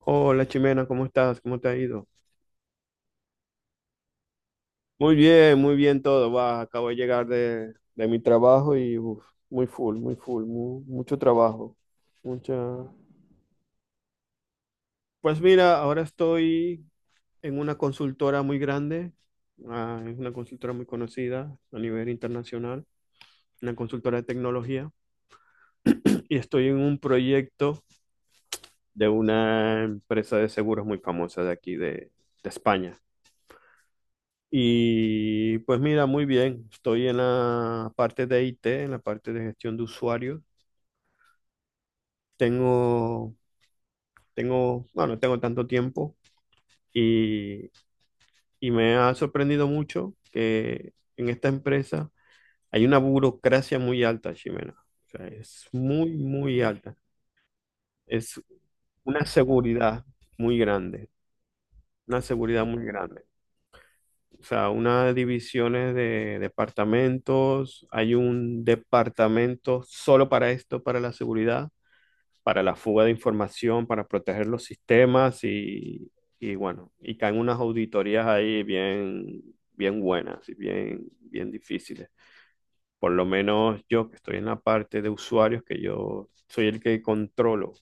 Hola Chimena, ¿cómo estás? ¿Cómo te ha ido? Muy bien todo. Va, acabo de llegar de mi trabajo y uf, muy full, mucho trabajo. Mucha. Pues mira, ahora estoy en una consultora muy grande, ah, es una consultora muy conocida a nivel internacional, una consultora de tecnología, y estoy en un proyecto de una empresa de seguros muy famosa de aquí, de España. Y pues mira, muy bien, estoy en la parte de IT, en la parte de gestión de usuarios. Tengo, tengo, bueno, no tengo tanto tiempo y, y me ha sorprendido mucho que en esta empresa hay una burocracia muy alta, Ximena. O sea, es muy, muy alta. Es una seguridad muy grande, una seguridad muy grande. O sea, unas divisiones de departamentos, hay un departamento solo para esto, para la seguridad, para la fuga de información, para proteger los sistemas y bueno, y caen unas auditorías ahí bien, bien buenas y bien, bien difíciles. Por lo menos yo que estoy en la parte de usuarios, que yo soy el que controlo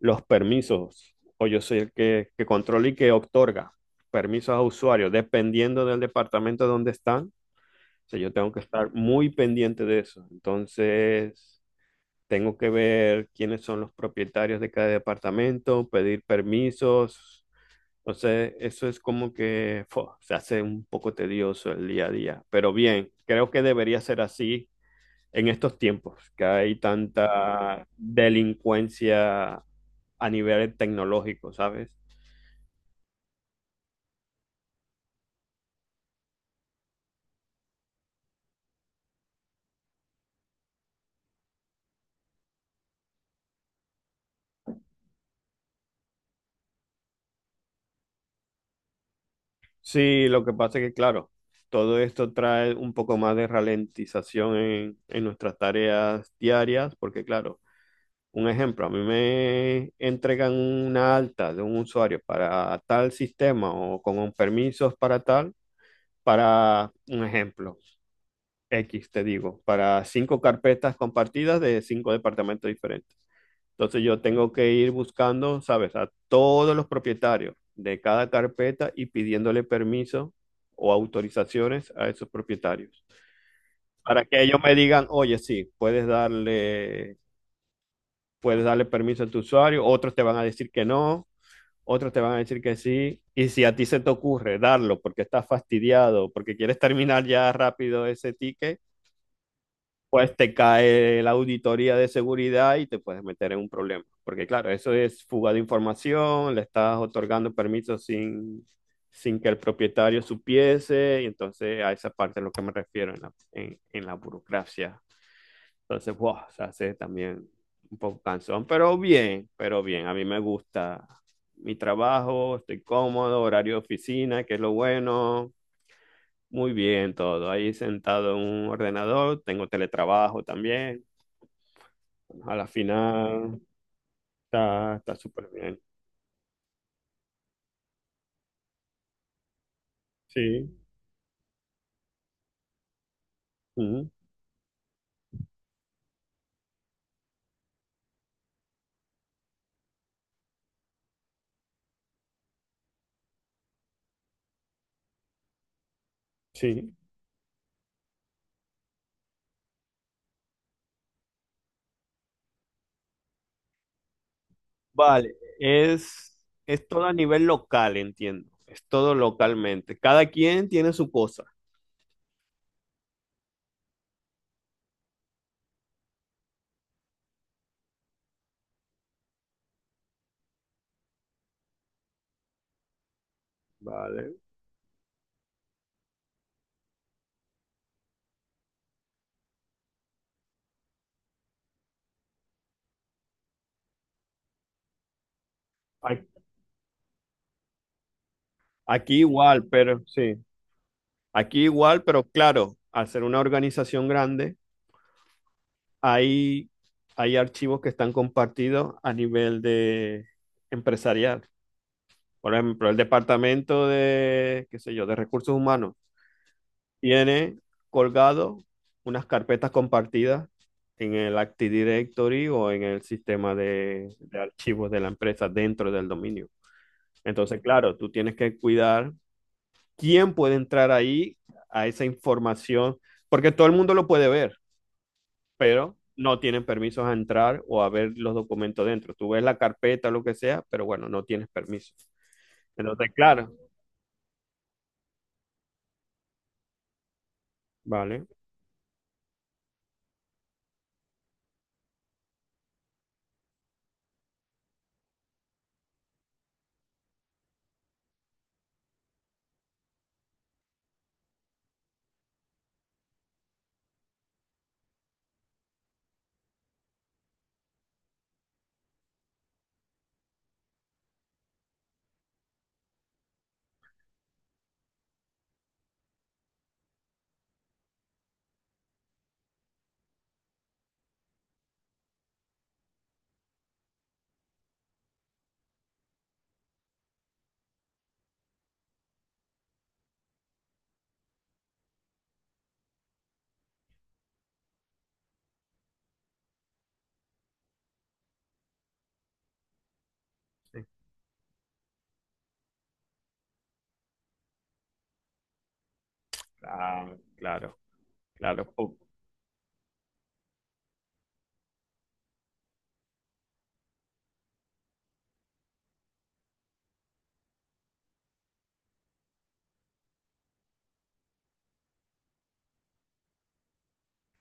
los permisos o yo soy el que controla y que otorga permisos a usuarios, dependiendo del departamento donde están, o sea, yo tengo que estar muy pendiente de eso. Entonces, tengo que ver quiénes son los propietarios de cada departamento, pedir permisos. Entonces, eso es como que se hace un poco tedioso el día a día. Pero bien, creo que debería ser así en estos tiempos, que hay tanta delincuencia a nivel tecnológico, ¿sabes? Sí, lo que pasa es que, claro, todo esto trae un poco más de ralentización en nuestras tareas diarias, porque, claro, un ejemplo, a mí me entregan una alta de un usuario para tal sistema o con permisos para tal, para un ejemplo. X, te digo, para cinco carpetas compartidas de cinco departamentos diferentes. Entonces yo tengo que ir buscando, ¿sabes?, a todos los propietarios de cada carpeta y pidiéndole permiso o autorizaciones a esos propietarios. Para que ellos me digan, oye, sí, puedes darle permiso a tu usuario, otros te van a decir que no, otros te van a decir que sí. Y si a ti se te ocurre darlo porque estás fastidiado, porque quieres terminar ya rápido ese ticket, pues te cae la auditoría de seguridad y te puedes meter en un problema. Porque claro, eso es fuga de información, le estás otorgando permisos sin que el propietario supiese, y entonces a esa parte es lo que me refiero en la burocracia. Entonces, wow, se hace también un poco cansón, pero bien, a mí me gusta mi trabajo, estoy cómodo, horario de oficina, que es lo bueno, muy bien, todo. Ahí sentado en un ordenador, tengo teletrabajo también. A la final está súper bien. Sí, ujú, sí. Vale, es todo a nivel local, entiendo. Es todo localmente. Cada quien tiene su cosa. Vale. A- Aquí igual, pero sí. Aquí igual, pero claro, al ser una organización grande, hay, hay archivos que están compartidos a nivel de empresarial. Por ejemplo, el departamento de, qué sé yo, de recursos humanos tiene colgado unas carpetas compartidas en el Active Directory o en el sistema de archivos de la empresa dentro del dominio. Entonces, claro, tú tienes que cuidar quién puede entrar ahí a esa información, porque todo el mundo lo puede ver, pero no tienen permisos a entrar o a ver los documentos dentro. Tú ves la carpeta, lo que sea, pero bueno, no tienes permiso. Entonces, claro, vale. Ah, claro, claro.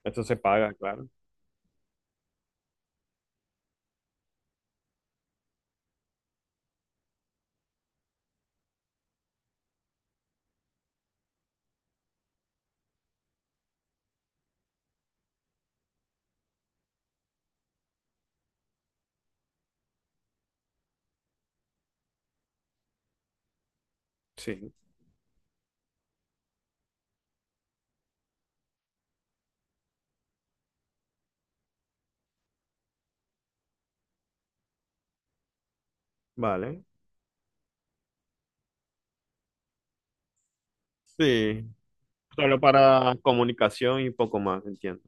Eso se paga, claro. Sí, vale. Sí, solo para comunicación y poco más, entiendo.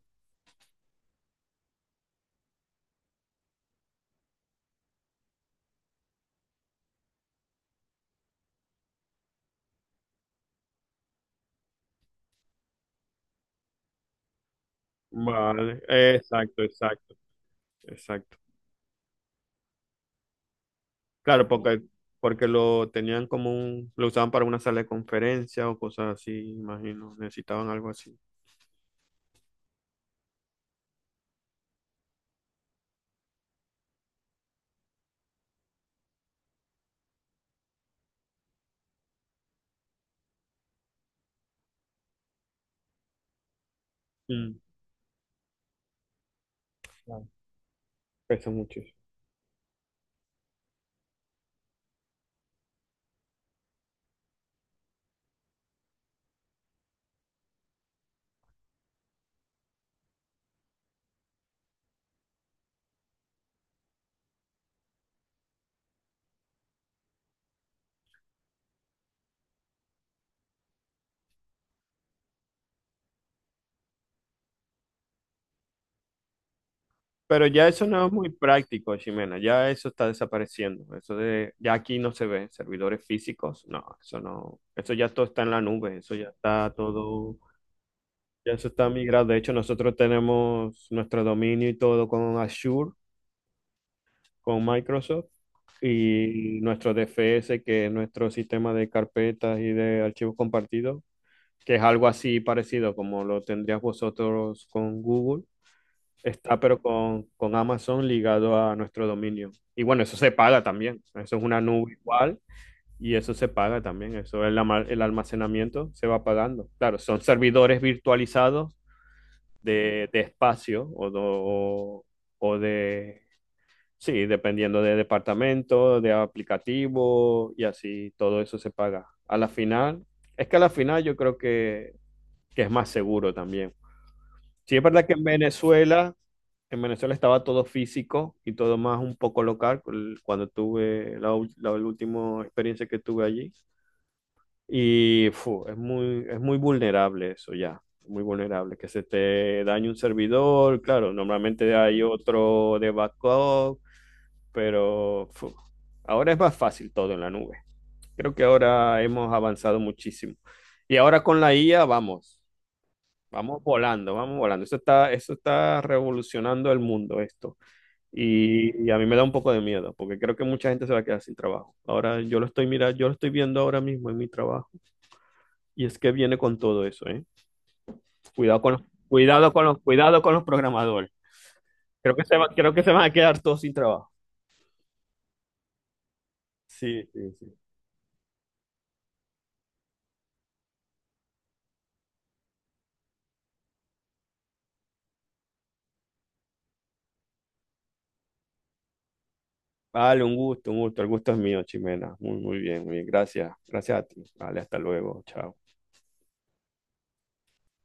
Vale, exacto, exacto, exacto. Claro, porque lo tenían como un, lo usaban para una sala de conferencia o cosas así, imagino, necesitaban algo así. Mm, claro. Pesa mucho. Pero ya eso no es muy práctico, Ximena. Ya eso está desapareciendo. Eso de, ya aquí no se ve servidores físicos. No, eso no. Eso ya todo está en la nube. Eso ya está todo. Ya eso está migrado. De hecho, nosotros tenemos nuestro dominio y todo con Azure, con Microsoft y nuestro DFS, que es nuestro sistema de carpetas y de archivos compartidos, que es algo así parecido como lo tendrías vosotros con Google. Está, pero con Amazon ligado a nuestro dominio. Y bueno, eso se paga también. Eso es una nube igual y eso se paga también. Eso el almacenamiento se va pagando. Claro, son servidores virtualizados de espacio o, o de. Sí, dependiendo de departamento, de aplicativo y así, todo eso se paga. A la final, es que a la final yo creo que es más seguro también. Sí, es verdad que en Venezuela estaba todo físico y todo más un poco local cuando tuve la última experiencia que tuve allí. Y es muy vulnerable eso ya, muy vulnerable. Que se te dañe un servidor, claro, normalmente hay otro de backup, pero ahora es más fácil todo en la nube. Creo que ahora hemos avanzado muchísimo. Y ahora con la IA, vamos. Vamos volando, vamos volando. Eso está revolucionando el mundo, esto. Y a mí me da un poco de miedo, porque creo que mucha gente se va a quedar sin trabajo. Ahora yo lo estoy mirando, yo lo estoy viendo ahora mismo en mi trabajo. Y es que viene con todo eso, ¿eh? Cuidado con los, cuidado con los, cuidado con los programadores. Creo que creo que se van a quedar todos sin trabajo. Sí, sí, sí. Vale, un gusto, un gusto. El gusto es mío, Chimena. Muy, muy bien, muy bien. Gracias. Gracias a ti. Vale, hasta luego. Chao.